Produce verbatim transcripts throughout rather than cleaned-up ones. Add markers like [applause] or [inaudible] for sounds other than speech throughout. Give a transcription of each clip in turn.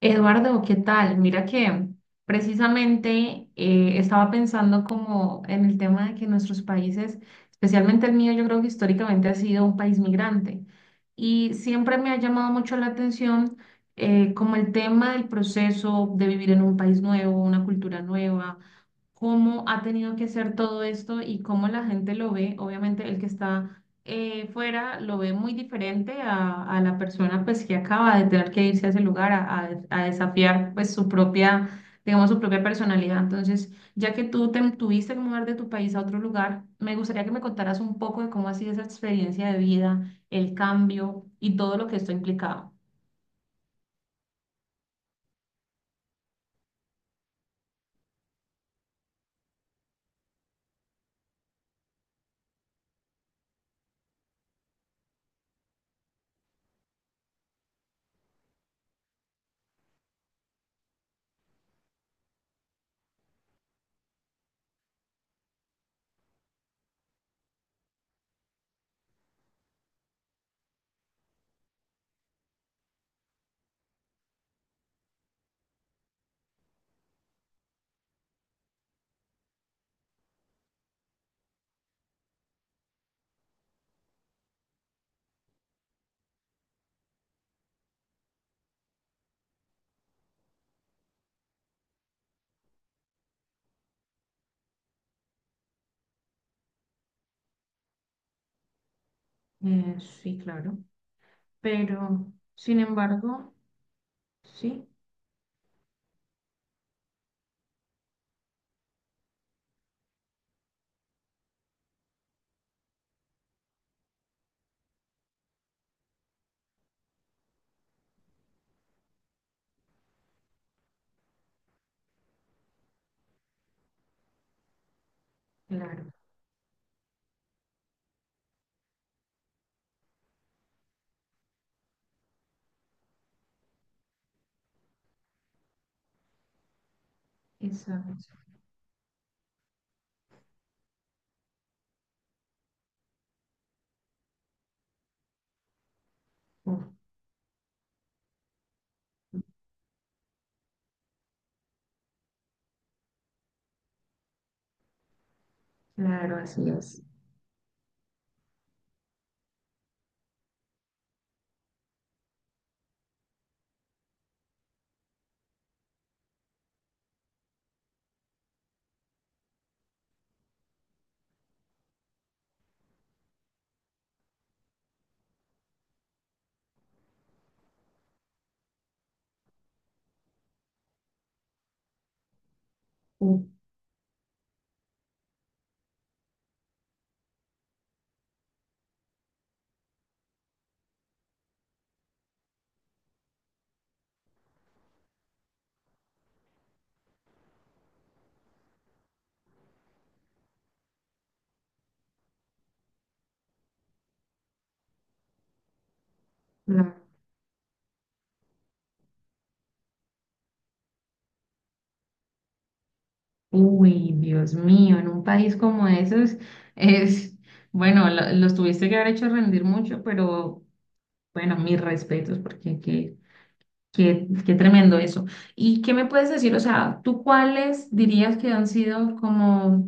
Eduardo, ¿qué tal? Mira que precisamente eh, estaba pensando como en el tema de que nuestros países, especialmente el mío, yo creo que históricamente ha sido un país migrante y siempre me ha llamado mucho la atención eh, como el tema del proceso de vivir en un país nuevo, una cultura nueva, cómo ha tenido que ser todo esto y cómo la gente lo ve, obviamente el que está eh, fuera lo ve muy diferente a, a la persona pues que acaba de tener que irse a ese lugar a, a des- a desafiar pues su propia, digamos, su propia personalidad. Entonces, ya que tú te tuviste que mudar de tu país a otro lugar, me gustaría que me contaras un poco de cómo ha sido esa experiencia de vida, el cambio y todo lo que esto ha implicado. Eh, sí, claro. Pero, sin embargo, sí, claro, exacto. Uf, claro, así es. Uf, uy, Dios mío, en un país como esos es, bueno, lo- los tuviste que haber hecho rendir mucho, pero bueno, mis respetos, porque qué, qué, qué tremendo eso. ¿Y qué me puedes decir? O sea, ¿tú cuáles dirías que han sido como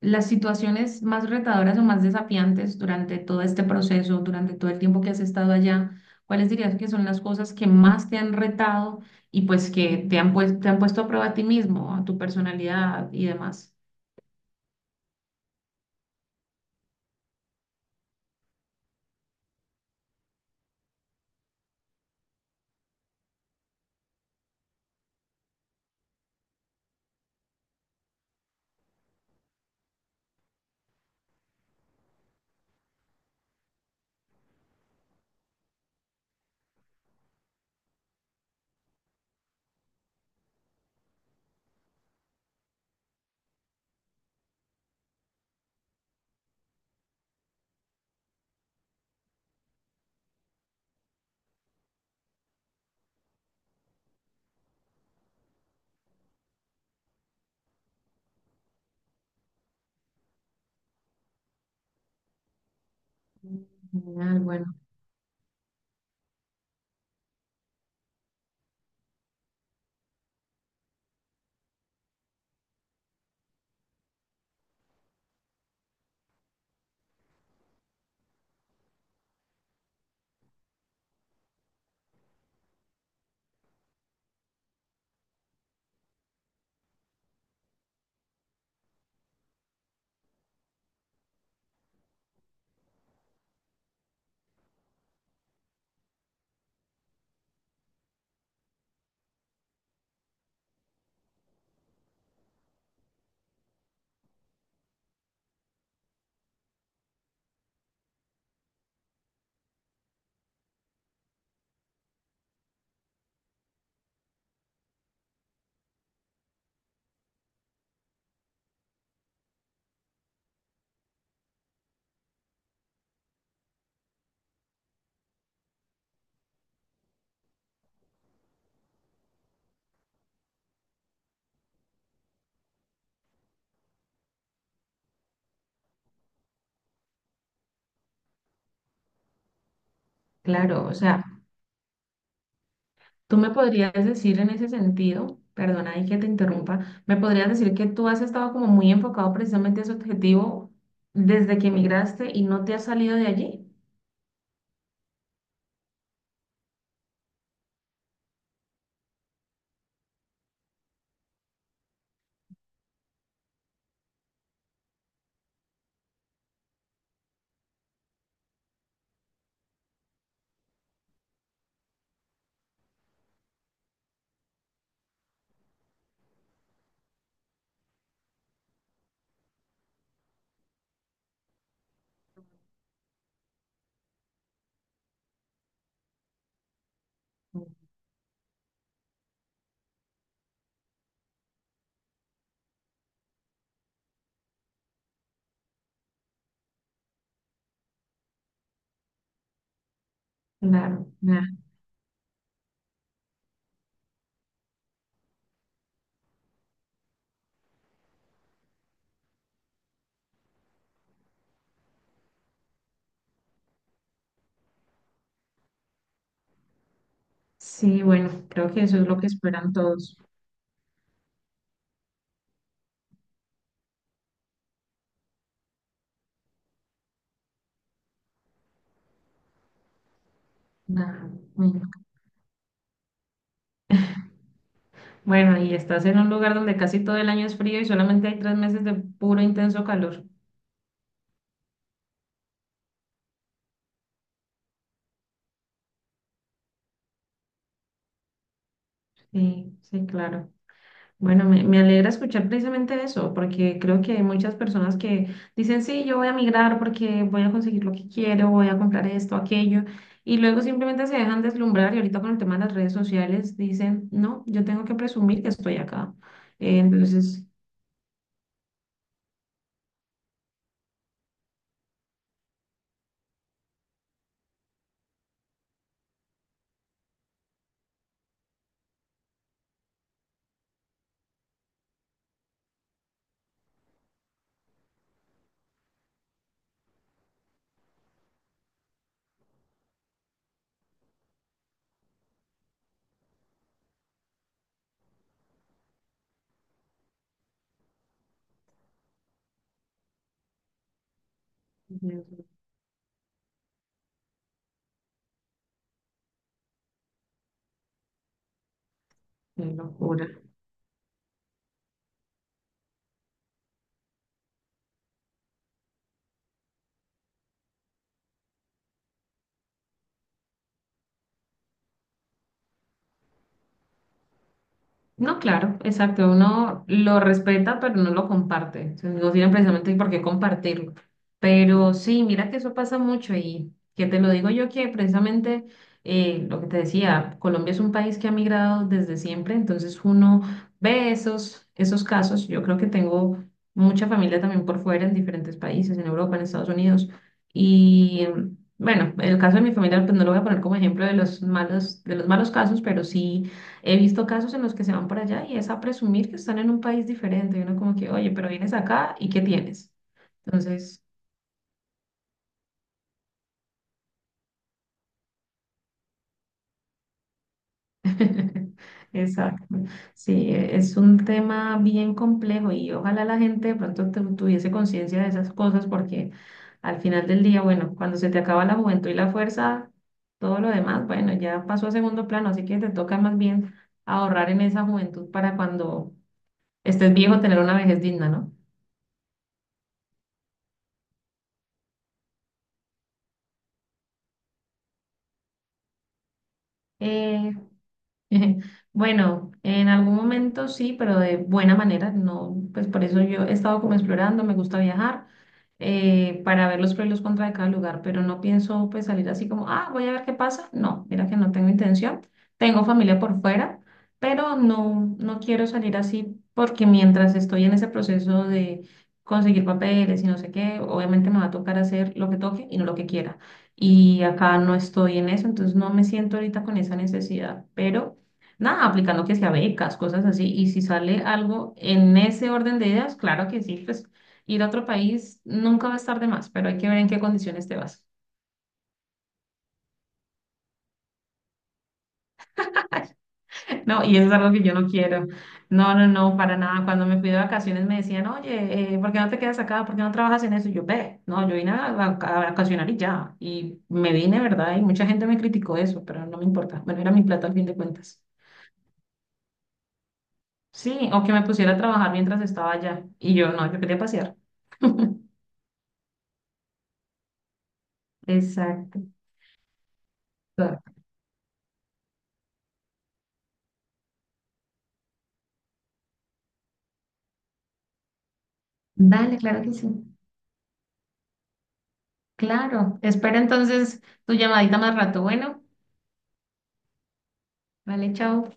las situaciones más retadoras o más desafiantes durante todo este proceso, durante todo el tiempo que has estado allá? ¿Cuáles dirías que son las cosas que más te han retado y pues que te han, pues, te han puesto a prueba a ti mismo, a tu personalidad y demás? Genial, bueno, claro, o sea, tú me podrías decir en ese sentido, perdona y que te interrumpa, me podrías decir que tú has estado como muy enfocado precisamente a ese objetivo desde que emigraste y no te has salido de allí. Claro, ya. Sí, bueno, creo que eso es lo que esperan todos. Ajá, bueno, bueno, y estás en un lugar donde casi todo el año es frío y solamente hay tres meses de puro intenso calor. Sí, sí, claro. Bueno, me, me alegra escuchar precisamente eso, porque creo que hay muchas personas que dicen, sí, yo voy a migrar porque voy a conseguir lo que quiero, voy a comprar esto, aquello, y luego simplemente se dejan deslumbrar y ahorita con el tema de las redes sociales dicen, no, yo tengo que presumir que estoy acá. Eh, entonces, Dios mío, qué locura. No, claro, exacto. Uno lo respeta, pero no lo comparte. O sea, no tiene precisamente por qué compartirlo. Pero sí, mira que eso pasa mucho y que te lo digo yo que precisamente eh, lo que te decía, Colombia es un país que ha migrado desde siempre, entonces uno ve esos, esos casos. Yo creo que tengo mucha familia también por fuera en diferentes países, en Europa, en Estados Unidos. Y bueno, el caso de mi familia, pues no lo voy a poner como ejemplo de los malos, de los malos casos, pero sí he visto casos en los que se van para allá y es a presumir que están en un país diferente. Y uno como que, oye, pero vienes acá y ¿qué tienes? Entonces, [laughs] exacto. Sí, e- es un tema bien complejo y ojalá la gente de pronto tu- tuviese conciencia de esas cosas porque al final del día, bueno, cuando se te acaba la juventud y la fuerza, todo lo demás, bueno, ya pasó a segundo plano, así que te toca más bien ahorrar en esa juventud para cuando estés viejo tener una vejez digna, ¿no? Eh, [laughs] bueno, en algún momento sí, pero de buena manera, no, pues por eso yo he estado como explorando, me gusta viajar eh, para ver los pros y los contras de cada lugar, pero no pienso pues salir así como, ah, voy a ver qué pasa. No, mira que no tengo intención. Tengo familia por fuera, pero no, no quiero salir así porque mientras estoy en ese proceso de conseguir papeles y no sé qué, obviamente me va a tocar hacer lo que toque y no lo que quiera. Y acá no estoy en eso, entonces no me siento ahorita con esa necesidad, pero... Nada, aplicando que sea becas, cosas así. Y si sale algo en ese orden de ideas, claro que sí, pues ir a otro país nunca va a estar de más, pero hay que ver en qué condiciones te vas. [laughs] No, y eso es algo que yo no quiero. No, no, no, para nada. Cuando me fui de vacaciones me decían, oye, eh, ¿por qué no te quedas acá? ¿Por qué no trabajas en eso? Y yo, ve, no, yo vine a, a- a vacacionar y ya. Y me vine, ¿verdad? Y mucha gente me criticó eso, pero no me importa. Bueno, era mi plata al fin de cuentas. Sí, o que me pusiera a trabajar mientras estaba allá. Y yo, no, yo quería pasear. [laughs] Exacto. Claro. Dale, claro que sí. Claro. Espera entonces tu llamadita más rato. Bueno, vale, chao.